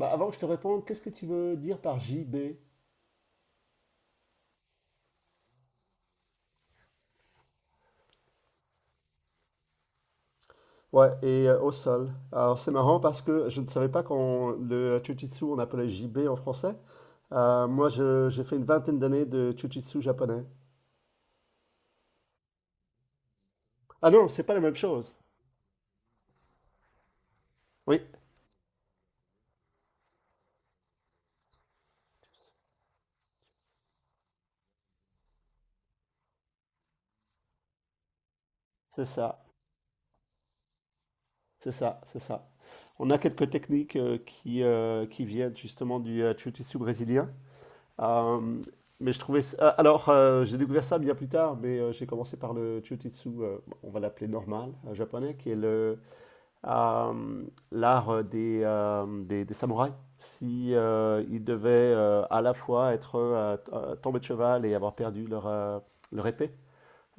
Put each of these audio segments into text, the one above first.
Avant que je te réponde, qu'est-ce que tu veux dire par J B? Ouais, et au sol. Alors c'est marrant parce que je ne savais pas qu'on le jujitsu on appelait J B en français. J'ai fait une vingtaine d'années de jujitsu japonais. Ah non, c'est pas la même chose. Oui. C'est ça, c'est ça, c'est ça. On a quelques techniques qui viennent justement du jiu-jitsu brésilien. Euh, mais je trouvais. Ça- ah, Alors, j'ai découvert ça bien plus tard, mais j'ai commencé par le jiu-jitsu, on va l'appeler normal, japonais, qui est le euh, l'art des samouraïs. Si ils devaient à la fois être tombés de cheval et avoir perdu leur épée.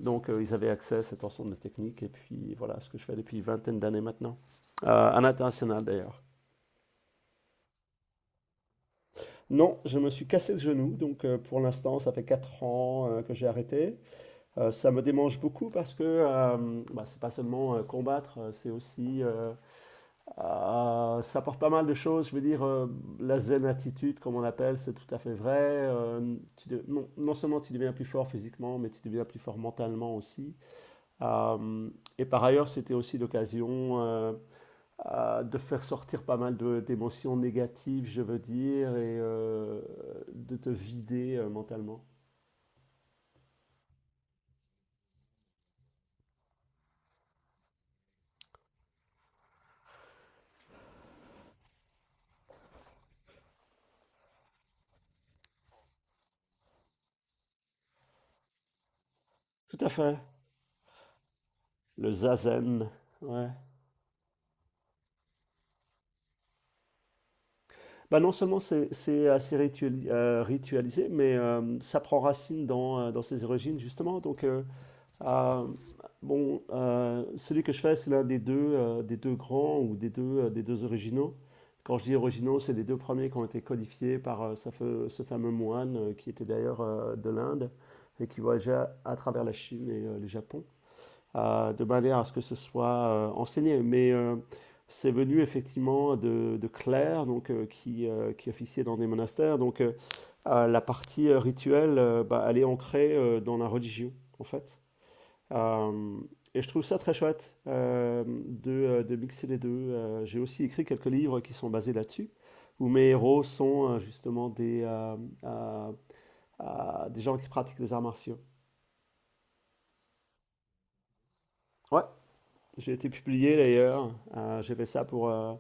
Donc ils avaient accès à cet ensemble de techniques et puis voilà ce que je fais depuis une vingtaine d'années maintenant. À l'international d'ailleurs. Non, je me suis cassé le genou, donc pour l'instant ça fait 4 ans que j'ai arrêté. Ça me démange beaucoup parce que c'est pas seulement combattre, c'est aussi ça porte pas mal de choses. Je veux dire, la zen attitude, comme on l'appelle, c'est tout à fait vrai. Non, non seulement tu deviens plus fort physiquement, mais tu deviens plus fort mentalement aussi. Euh, et par ailleurs, c'était aussi l'occasion de faire sortir pas mal de- d'émotions négatives, je veux dire, et de te vider mentalement. Tout à fait. Le zazen. Ouais. Bah non seulement c'est assez ritualisé, mais ça prend racine dans ses origines justement. Euh, Celui que je fais, c'est l'un des deux grands ou des deux originaux. Quand je dis originaux, c'est les deux premiers qui ont été codifiés par ce fameux moine qui était d'ailleurs de l'Inde et qui voyageait à travers la Chine et le Japon à, de manière à ce que ce soit enseigné. Mais c'est venu effectivement de Claire, donc, qui officiait dans des monastères. La partie rituelle, elle est ancrée dans la religion, en fait. Euh, et je trouve ça très chouette de mixer les deux. J'ai aussi écrit quelques livres qui sont basés là-dessus, où mes héros sont justement euh, des gens qui pratiquent les arts martiaux. Ouais, j'ai été publié d'ailleurs. J'ai fait ça pour, euh,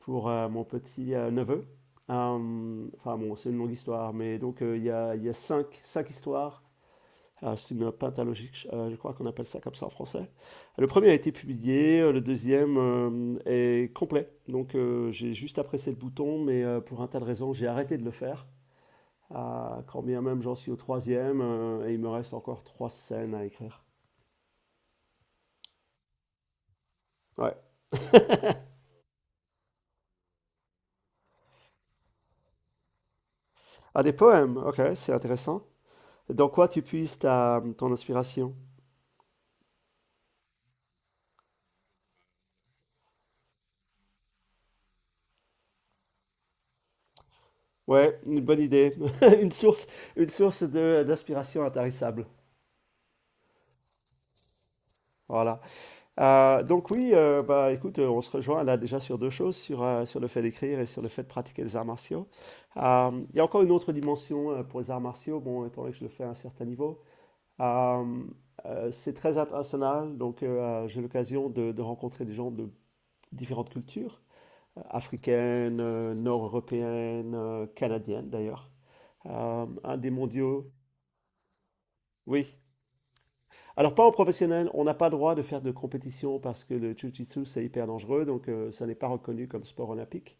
pour euh, mon petit neveu. Enfin bon, c'est une longue histoire, mais donc il y a cinq, cinq histoires. C'est une pentalogique, je crois qu'on appelle ça comme ça en français. Le premier a été publié, le deuxième est complet. Donc j'ai juste apprécié le bouton, mais pour un tas de raisons, j'ai arrêté de le faire. Ah, quand bien même j'en suis au troisième, et il me reste encore trois scènes à écrire. Ouais. Ah, des poèmes, ok, c'est intéressant. Dans quoi tu puises ta, ton inspiration? Ouais, une bonne idée. Une source, une source d'inspiration intarissable. Voilà. Donc oui, bah écoute, on se rejoint là déjà sur deux choses, sur le fait d'écrire et sur le fait de pratiquer les arts martiaux. Il y a encore une autre dimension pour les arts martiaux, bon, étant donné que je le fais à un certain niveau. Euh, c'est très international, donc j'ai l'occasion de rencontrer des gens de différentes cultures, africaines, nord-européennes, canadiennes d'ailleurs. Un des mondiaux, oui. Alors, pas en professionnel, on n'a pas le droit de faire de compétition parce que le jiu-jitsu, c'est hyper dangereux, donc ça n'est pas reconnu comme sport olympique.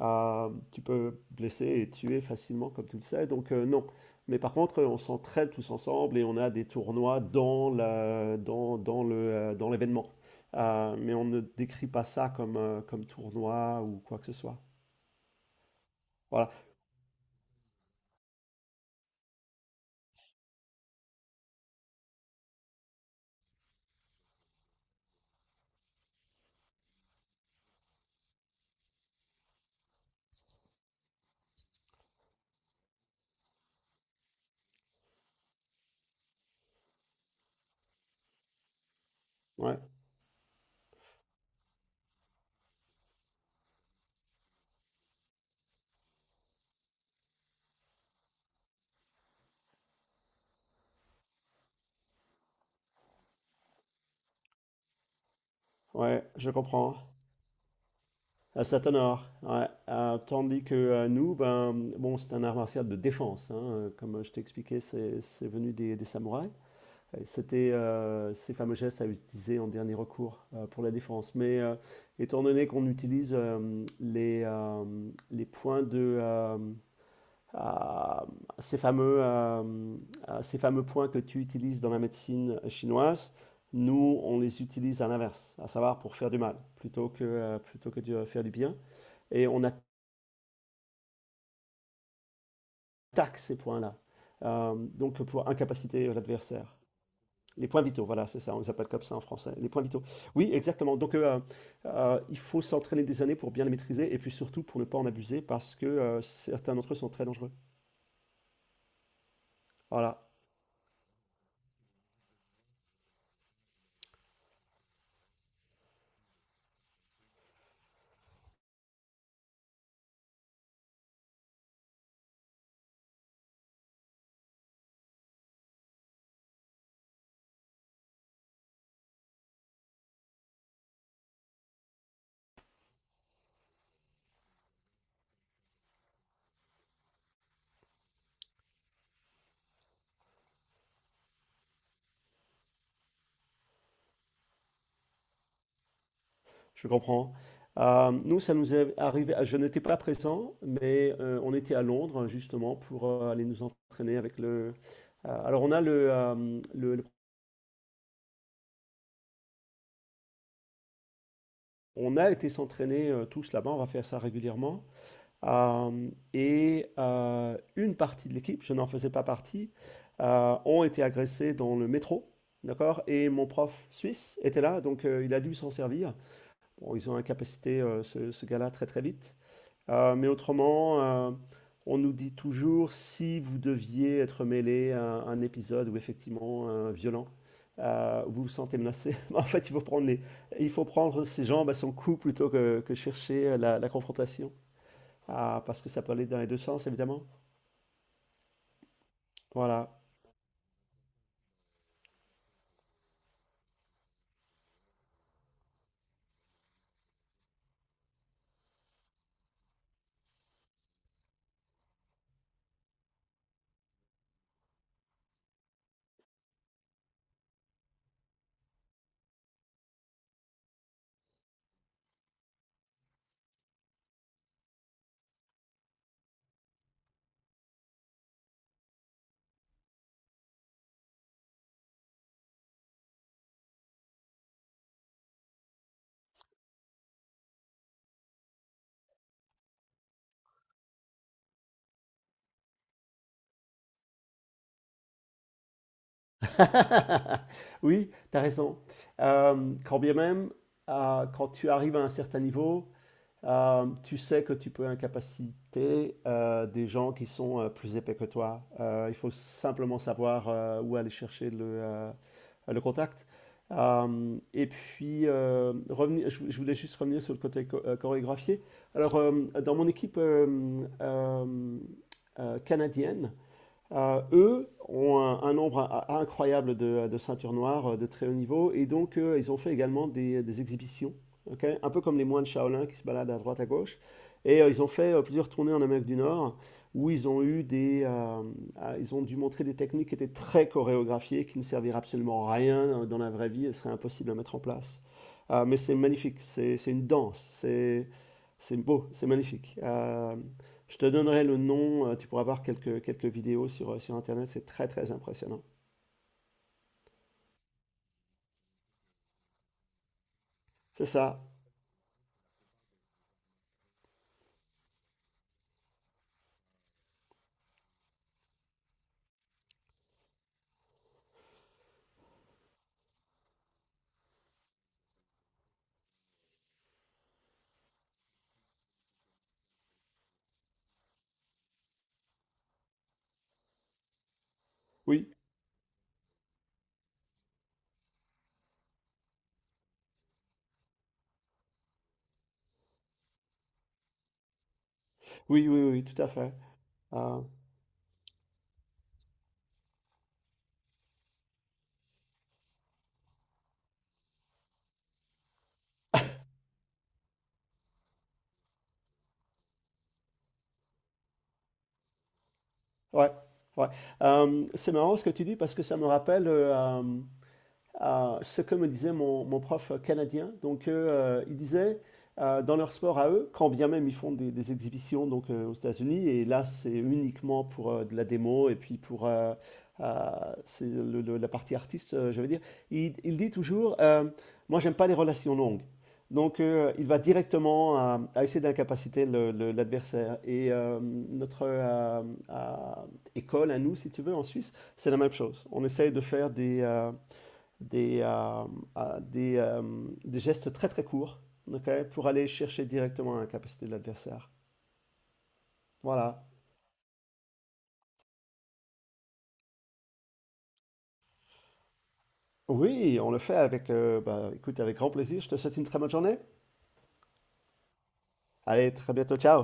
Tu peux blesser et tuer facilement, comme tu le sais, donc non. Mais par contre, on s'entraide tous ensemble et on a des tournois dans le, dans l'événement. Mais on ne décrit pas ça comme, comme tournoi ou quoi que ce soit. Voilà. Ouais, ouais, je comprends. À c'est art. Ouais. Tandis que nous, ben, bon, c'est un art martial de défense, hein. Comme je t'ai expliqué, c'est venu des samouraïs. C'était ces fameux gestes à utiliser en dernier recours pour la défense. Mais étant donné qu'on utilise les points de... ah, ces fameux, euh, ces fameux points que tu utilises dans la médecine chinoise, nous, on les utilise à l'inverse, à savoir pour faire du mal, plutôt que de faire du bien et on attaque ces points-là. Donc pour incapaciter l'adversaire. Les points vitaux, voilà, c'est ça, on les appelle comme ça en français, les points vitaux. Oui, exactement. Il faut s'entraîner des années pour bien les maîtriser et puis surtout pour ne pas en abuser parce que certains d'entre eux sont très dangereux. Voilà, je comprends. Nous, ça nous est arrivé. Je n'étais pas présent, mais on était à Londres justement pour aller nous entraîner avec le. Alors on a le- On a été s'entraîner tous là-bas. On va faire ça régulièrement. Une partie de l'équipe, je n'en faisais pas partie, ont été agressés dans le métro, d'accord? Et mon prof suisse était là, donc il a dû s'en servir. Bon, ils ont incapacité ce gars-là très très vite. Mais autrement, on nous dit toujours si vous deviez être mêlé à un épisode où effectivement violent, vous vous sentez menacé. En fait, il faut prendre ses jambes à son cou plutôt que chercher la confrontation. Ah, parce que ça peut aller dans les deux sens, évidemment. Voilà. Oui, tu as raison. Quand bien même, quand tu arrives à un certain niveau, tu sais que tu peux incapaciter des gens qui sont plus épais que toi. Il faut simplement savoir où aller chercher le contact. Je voulais juste revenir sur le côté chorégraphié. Alors, dans mon équipe canadienne, eux ont un nombre incroyable de ceintures noires de très haut niveau et donc ils ont fait également des exhibitions, ok. Un peu comme les moines Shaolin qui se baladent à droite à gauche. Et ils ont fait plusieurs tournées en Amérique du Nord où ils ont eu ils ont dû montrer des techniques qui étaient très chorégraphiées, qui ne serviraient absolument à rien dans la vraie vie, elles seraient impossibles à mettre en place. Mais c'est magnifique, c'est une danse, c'est beau, c'est magnifique. Je te donnerai le nom, tu pourras voir quelques vidéos sur Internet, c'est très très impressionnant. C'est ça, oui, oui, oui, oui, tout à fait. Euh, ouais, ouais. C'est marrant ce que tu dis parce que ça me rappelle ce que me disait mon prof canadien. Donc, il disait, dans leur sport à eux, quand bien même ils font des exhibitions donc, aux États-Unis, et là, c'est uniquement pour de la démo et puis pour euh, c'est la partie artiste, je veux dire, il dit toujours, moi, j'aime pas les relations longues. Donc, il va directement à essayer d'incapaciter l'adversaire. Et notre euh, école, à nous, si tu veux, en Suisse, c'est la même chose. On essaye de faire des, euh, des, euh, des gestes très très courts, ok, pour aller chercher directement la capacité de l'adversaire. Voilà. Oui, on le fait avec, écoute, avec grand plaisir. Je te souhaite une très bonne journée. Allez, très bientôt, ciao.